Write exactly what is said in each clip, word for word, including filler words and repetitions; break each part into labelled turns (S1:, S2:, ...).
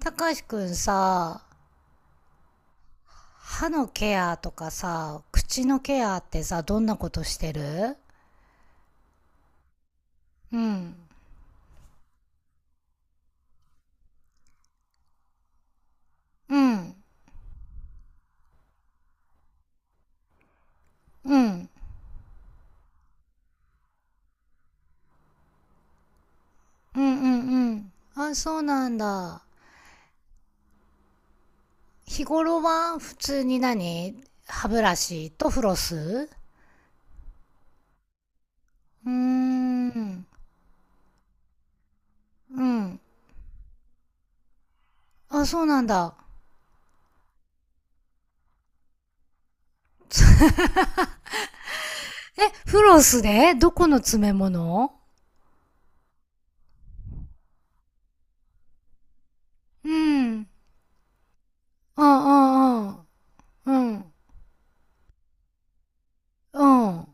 S1: たかしくんさ、歯のケアとかさ、口のケアってさ、どんなことしてる？うん。うん。うん。うんうんうん。あ、そうなんだ。日頃は普通に何、歯ブラシとフロス？うーん。うん。あ、そうなんだ。え、フロスでどこの詰め物？うん。ああああ。うん。うん。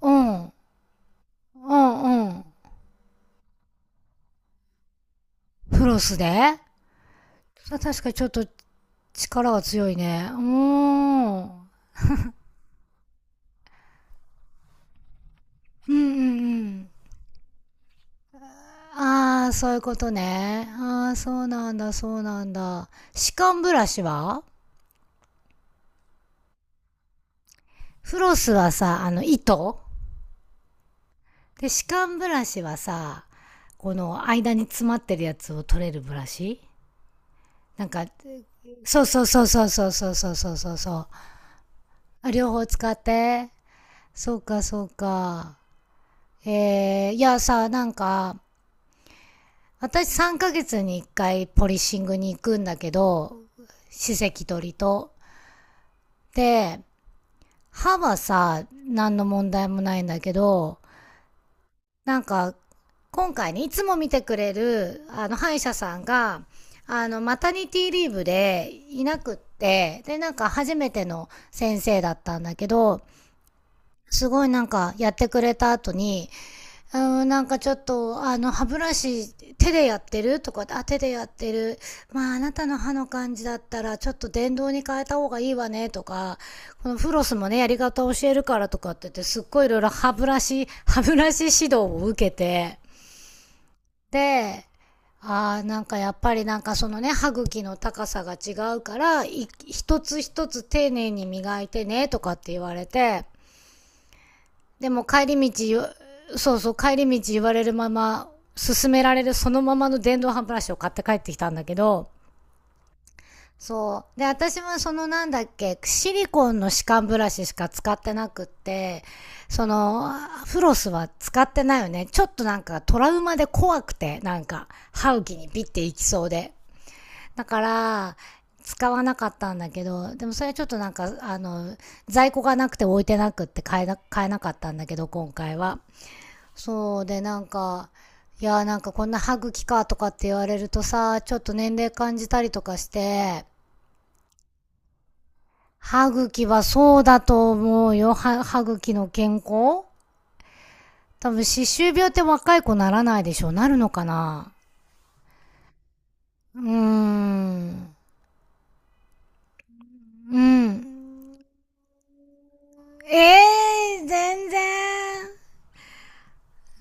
S1: うん。うん。うん。フロスで？それは確かにちょっと力は強いね。うーん。うんうんうん。ああ、そういうことね。ああ、そうなんだ、そうなんだ。歯間ブラシは？フロスはさ、あの、糸で、歯間ブラシはさ、この間に詰まってるやつを取れるブラシ、なんか、そうそうそうそうそうそうそうそうそうそう。あ。両方使って。そうか、そうか。えー、いやさ、なんか、私さんかげつにいっかいポリッシングに行くんだけど、歯石取りと。で、歯はさ、何の問題もないんだけど、なんか、今回ね、いつも見てくれる、あの、歯医者さんが、あの、マタニティリーブでいなくって、で、なんか初めての先生だったんだけど、すごいなんかやってくれた後に、うん、なんかちょっと、あの、歯ブラシ、手でやってるとかあ、手でやってる。まあ、あなたの歯の感じだったら、ちょっと電動に変えた方がいいわね、とか、このフロスもね、やり方教えるからとかって言って、すっごいいろいろ歯ブラシ、歯ブラシ指導を受けて、で、ああ、なんかやっぱりなんかそのね、歯茎の高さが違うから、い一つ一つ丁寧に磨いてね、とかって言われて、でも帰り道、そうそう、帰り道言われるまま、勧められるそのままの電動歯ブラシを買って帰ってきたんだけど、そう。で、私はその、なんだっけ、シリコンの歯間ブラシしか使ってなくって、その、フロスは使ってないよね。ちょっとなんかトラウマで怖くて、なんか、歯茎にピッていきそうで。だから、使わなかったんだけど、でもそれはちょっとなんか、あの、在庫がなくて置いてなくって買えな、買えなかったんだけど、今回は。そうでなんか、いやーなんかこんな歯茎かとかって言われるとさ、ちょっと年齢感じたりとかして、歯茎はそうだと思うよ。歯歯茎の健康、多分、歯周病って若い子ならないでしょ、なるのかな？うーん。うん。ええー、全然。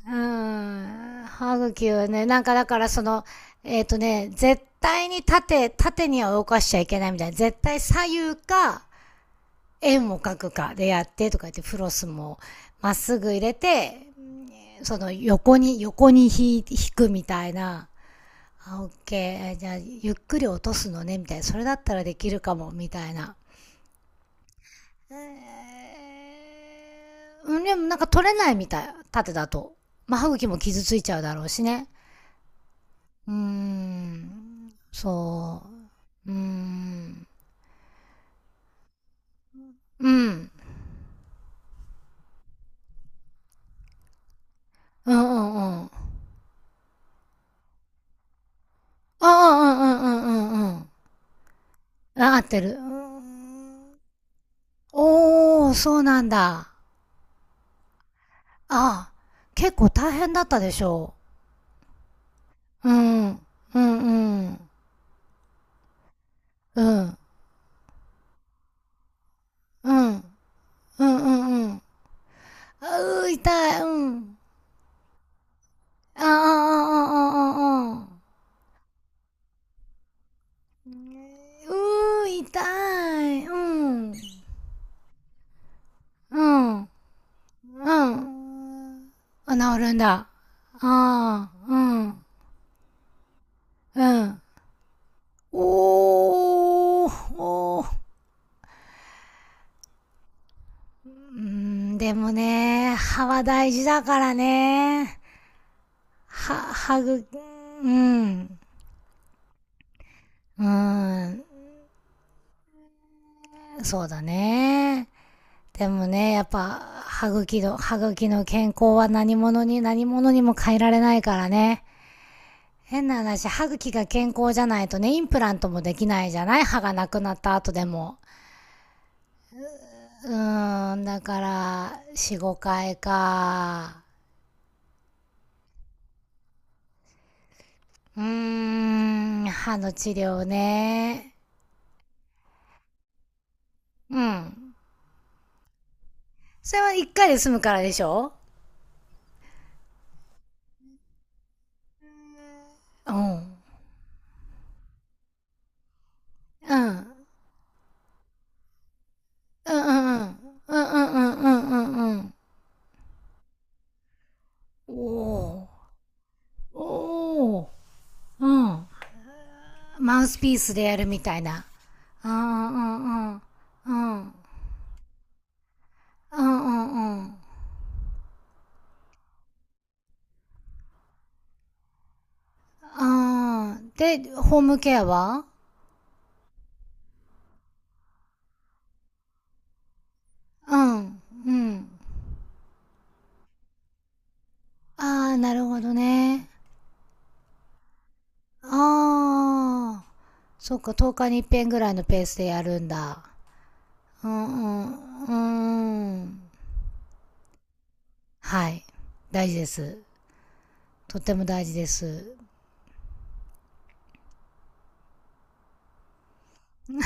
S1: うん。歯茎はね、なんかだからその、えっ、とね、絶対に縦、縦には動かしちゃいけないみたいな。絶対左右か、円を描くかでやってとか言って、フロスもまっすぐ入れて、その横に、横に引引くみたいな。あ、オッケー。じゃあ、ゆっくり落とすのね、みたいな。それだったらできるかも、みたいな。うん、でもなんか取れないみたい。縦だと。まあ、歯茎も傷ついちゃうだろうしね。うーん。そう。うーん。うん。うんうんうん。ああ、うんうんうんうんうん。あ、合ってる。うーん。おー、そうなんだ。ああ、結構大変だったでしょう。うん、うん、うん、うん、うん、うん、うん、うん。あうー、痛い、うん。ああ、ああ、ああ、ああ。うー、痛い、うん、うん、うん。あ、治るんだ。ああ、うん、うん。おー、おー。うーん、でもね、歯は大事だからね。は、はぐ、うん。うん。そうだね。でもね、やっぱ、歯茎の、歯茎の健康は何者に何者にも変えられないからね。変な話、歯茎が健康じゃないとね、インプラントもできないじゃない、歯がなくなった後でも。うーん、だから、よん、ごかいか。うーん、歯の治療ね。うん。それはいっかいで済むからでしょ？うん。うん。うんうんうんうんうんうんうんうん。おおおお。うん。マウスピースでやるみたいな。うんうんうんうんうんうんうんうん。でホームケアは？うんうん。ああ、なるほどね。ああ、そっか、とおかに一遍ぐらいのペースでやるんだ。うんうんうん。はい、大事です。とっても大事です。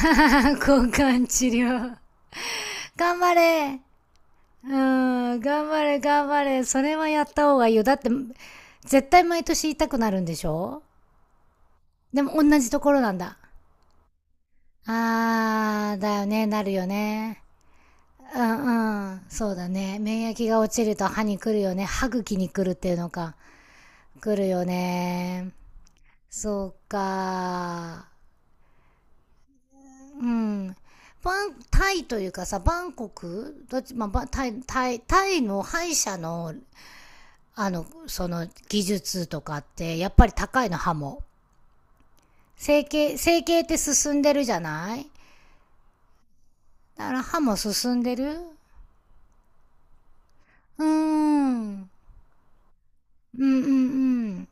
S1: 交換治療。頑張れ。うん、頑張れ、頑張れ。それはやった方がいいよ。だって、絶対毎年痛くなるんでしょ？でも同じところなんだ。あー、だよね、なるよね。うんうん、そうだね。免疫が落ちると歯に来るよね。歯茎に来るっていうのか。来るよね。そうか。うん。バン、タイというかさ、バンコクどっち、まあ、ばタイ、タイ、タイの歯医者の、あの、その技術とかって、やっぱり高いの、歯も？整形、整形って進んでるじゃない。だから歯も進んでる？うーん。うんうんうん。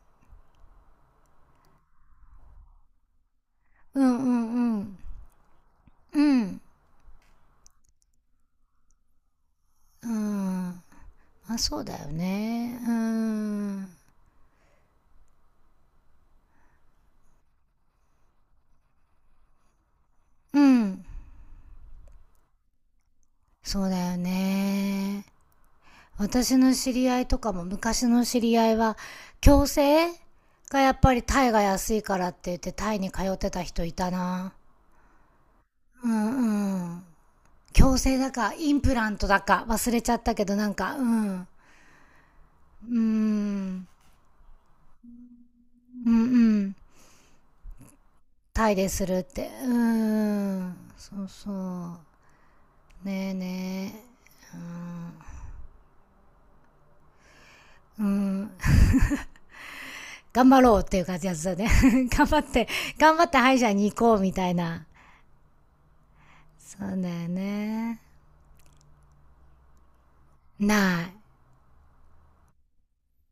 S1: うんうんうん。うん。うん。まあそうだよね。うーん。うん。そうだよね。私の知り合いとかも昔の知り合いは、矯正がやっぱりタイが安いからって言ってタイに通ってた人いたな。うんうん。矯正だか、インプラントだか、忘れちゃったけど、なんか、うん。うーん。うんうん。タイでするって。うーん。そうそう。ねえねえ。うん。頑張ろうっていう感じやつだね。頑張って、頑張って歯医者に行こうみたいな。そうだよね。ない。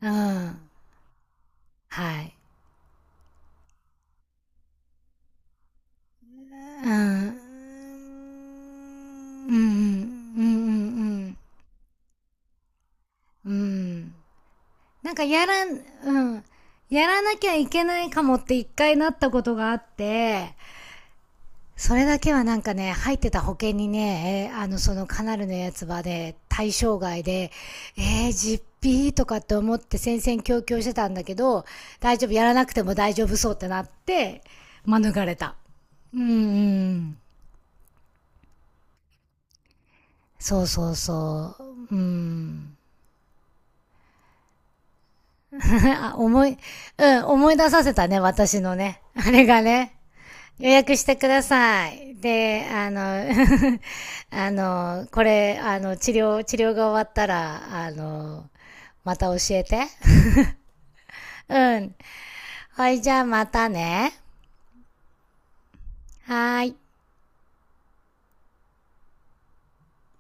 S1: うん。はい。うん。うんうん。うんうんうん。うん。なんかやらん、うん。やらなきゃいけないかもって一回なったことがあって、それだけはなんかね、入ってた保険にね、えーあの、そのカナルのやつはね、対象外で、えー、実費とかって思って戦々恐々してたんだけど、大丈夫、やらなくても大丈夫そうってなって、免れた。うんうん。そうそうそう。うん。あ、思い、うん、思い出させたね、私のね。あれがね。予約してください。で、あの、あの、これ、あの、治療、治療が終わったら、あの、また教えて。うん。はい、じゃあまたね。はーい。